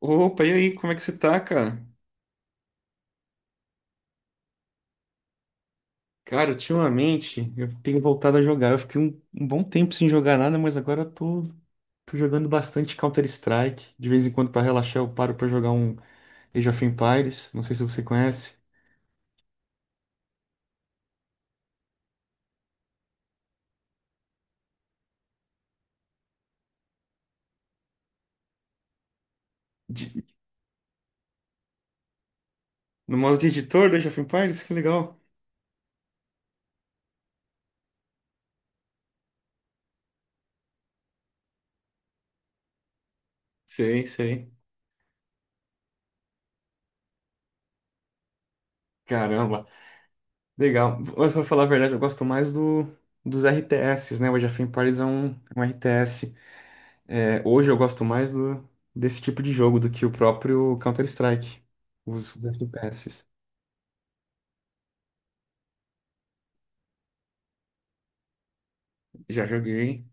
Opa, e aí, como é que você tá, cara? Cara, ultimamente eu tenho voltado a jogar. Eu fiquei um bom tempo sem jogar nada, mas agora eu tô jogando bastante Counter-Strike. De vez em quando, pra relaxar, eu paro pra jogar um Age of Empires. Não sei se você conhece. De- no modo de editor do Age of Empires? Que legal. Sei, sei. Caramba, legal. Mas pra falar a verdade, eu gosto mais dos RTS, né? O Age of Empires é um RTS. É, hoje eu gosto mais desse tipo de jogo do que o próprio Counter-Strike, os FPS. Já joguei,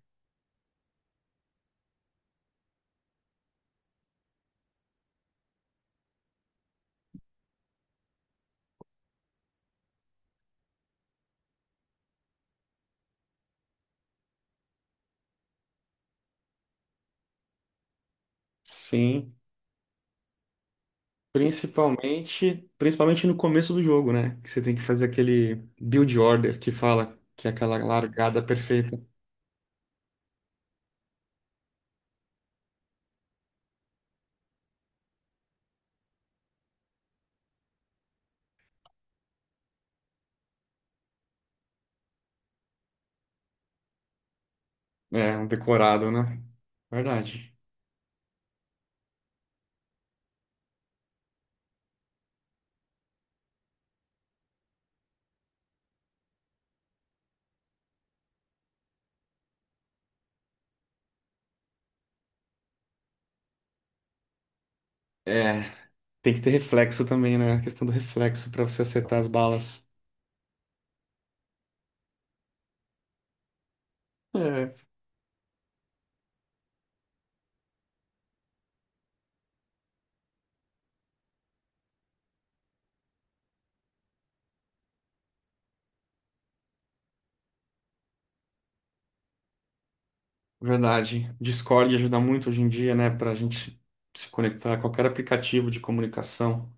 sim. Principalmente no começo do jogo, né? Que você tem que fazer aquele build order que fala que é aquela largada perfeita. É, um decorado, né? Verdade. É, tem que ter reflexo também, né? A questão do reflexo pra você acertar as balas. É. Verdade. Discord ajuda muito hoje em dia, né, pra gente se conectar a qualquer aplicativo de comunicação.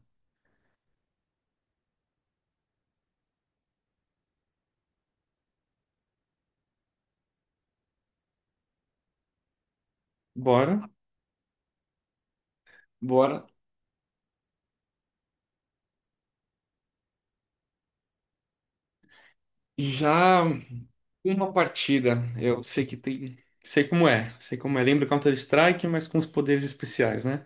Bora, bora. Já uma partida. Eu sei que tem, sei como é, sei como é. Lembra Counter-Strike, mas com os poderes especiais, né?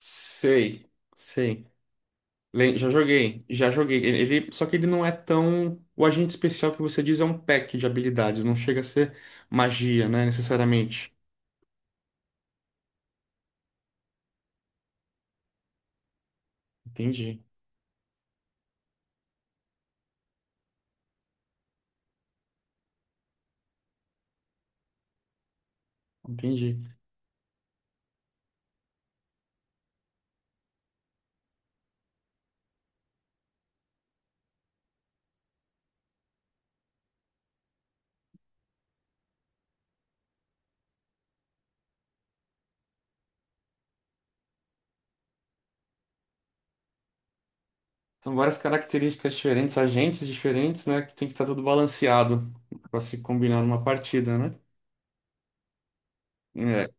Sei, sei. Já joguei, já joguei. Só que ele não é tão. O agente especial que você diz é um pack de habilidades, não chega a ser magia, né, necessariamente. Entendi, entendi. São várias características diferentes, agentes diferentes, né? Que tem que estar tudo balanceado para se combinar numa partida, né? É.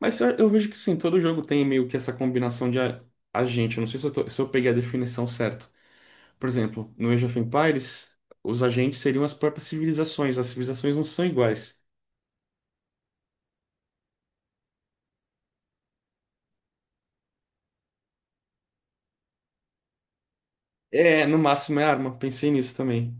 Mas eu vejo que sim, todo jogo tem meio que essa combinação de agente. Eu não sei se eu peguei a definição certa. Por exemplo, no Age of Empires, os agentes seriam as próprias civilizações. As civilizações não são iguais. É, no máximo é arma. Pensei nisso também.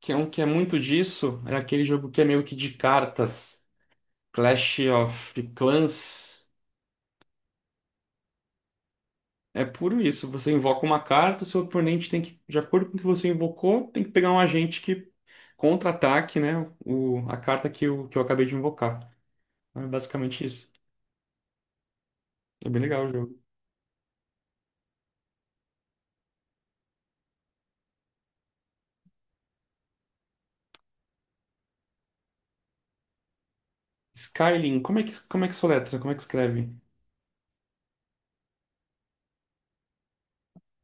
Que é um que é muito disso, é aquele jogo que é meio que de cartas, Clash of Clans. É puro isso. Você invoca uma carta, seu oponente tem que, de acordo com o que você invocou, tem que pegar um agente que contra-ataque, né? A carta que eu acabei de invocar. É basicamente isso. É bem legal o jogo. Skyrim, como é que soletra? Como é que escreve?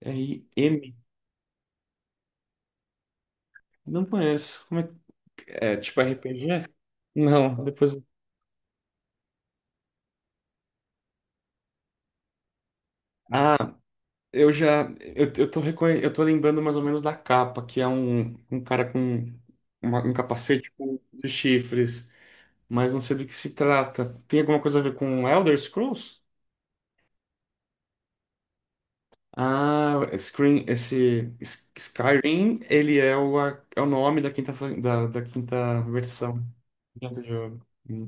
R-M? Não conheço. É tipo RPG? Não, depois. Ah, eu já. Eu tô lembrando mais ou menos da capa, que é um cara com um capacete com os chifres. Mas não sei do que se trata. Tem alguma coisa a ver com Elder Scrolls? Ah, Screen, esse Skyrim, ele é o, a- é o nome da da quinta versão do jogo. Hum.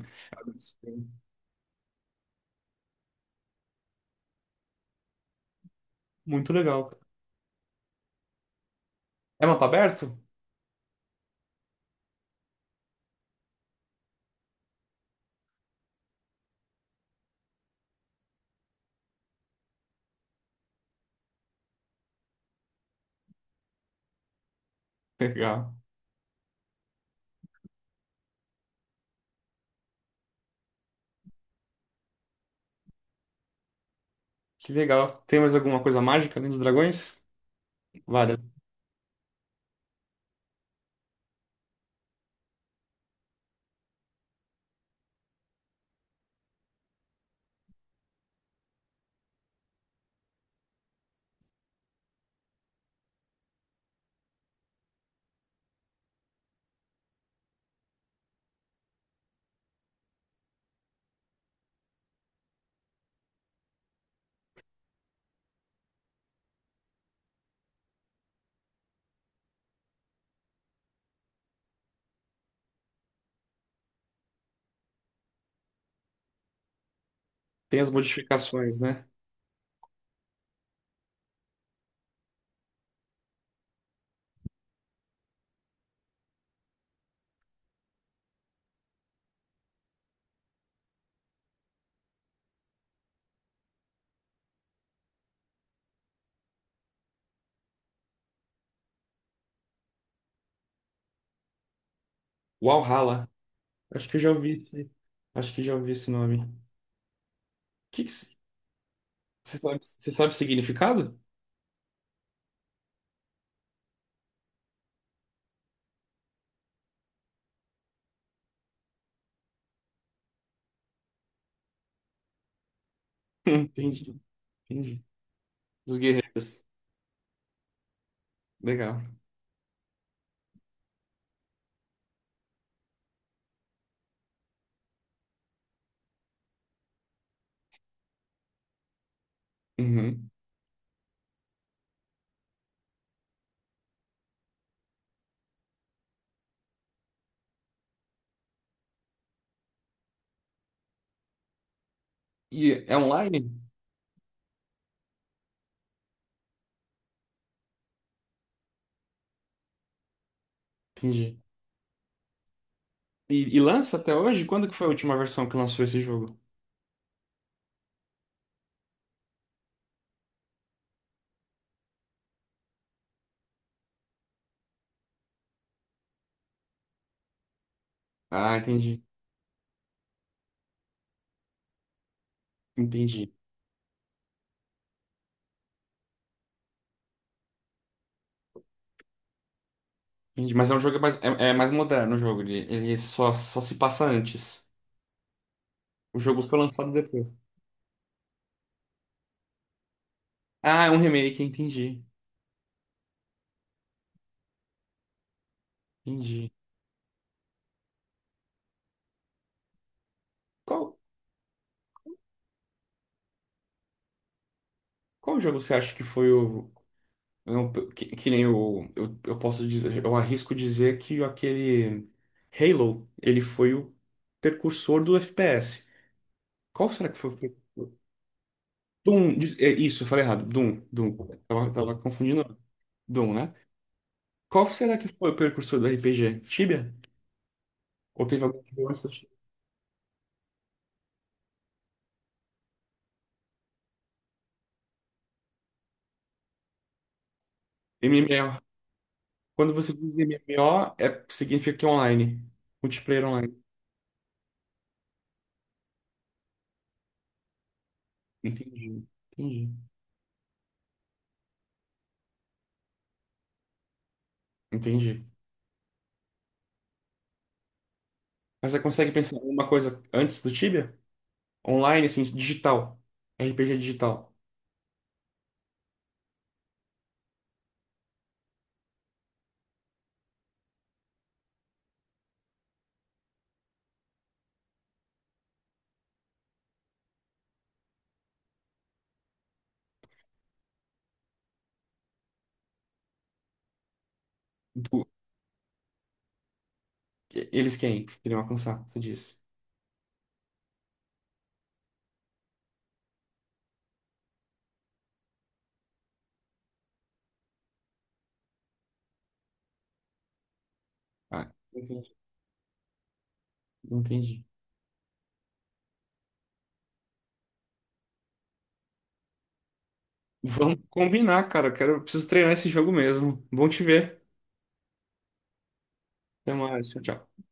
Muito legal. É mapa aberto? Legal. Que legal. Tem mais alguma coisa mágica além dos dragões? Várias. Tem as modificações, né? Walhalla. Acho que eu já ouvi esse, acho que já ouvi esse nome. Que, você sabe o significado? Entendi. Entendi. Dos guerreiros. Legal. Uhum. E é online? Entendi. E lança até hoje? Quando que foi a última versão que lançou esse jogo? Ah, entendi. Entendi. Entendi. Mas é um jogo mais, é mais moderno o jogo. Ele só se passa antes. O jogo foi lançado depois. Ah, é um remake, entendi. Entendi. Qual, qual jogo você acha que foi o. Não, que nem o. Eu posso dizer, eu arrisco dizer que aquele Halo, ele foi o precursor do FPS. Qual será que foi o filme? Doom, é, isso, eu falei errado. Doom, Doom. Tava confundindo. Doom, né? Qual será que foi o precursor do RPG? Tibia? Ou teve algum que veio antes do Tibia? MMO. Quando você diz MMO, é, significa que é online. Multiplayer online. Entendi. Entendi. Entendi. Mas você consegue pensar em alguma coisa antes do Tibia? Online, assim, digital. RPG digital. Do- Eles quem? Queriam alcançar, você disse. Ah, entendi. Entendi. Vamos combinar, cara. Preciso treinar esse jogo mesmo. Bom te ver. Até mais. Tchau, tchau.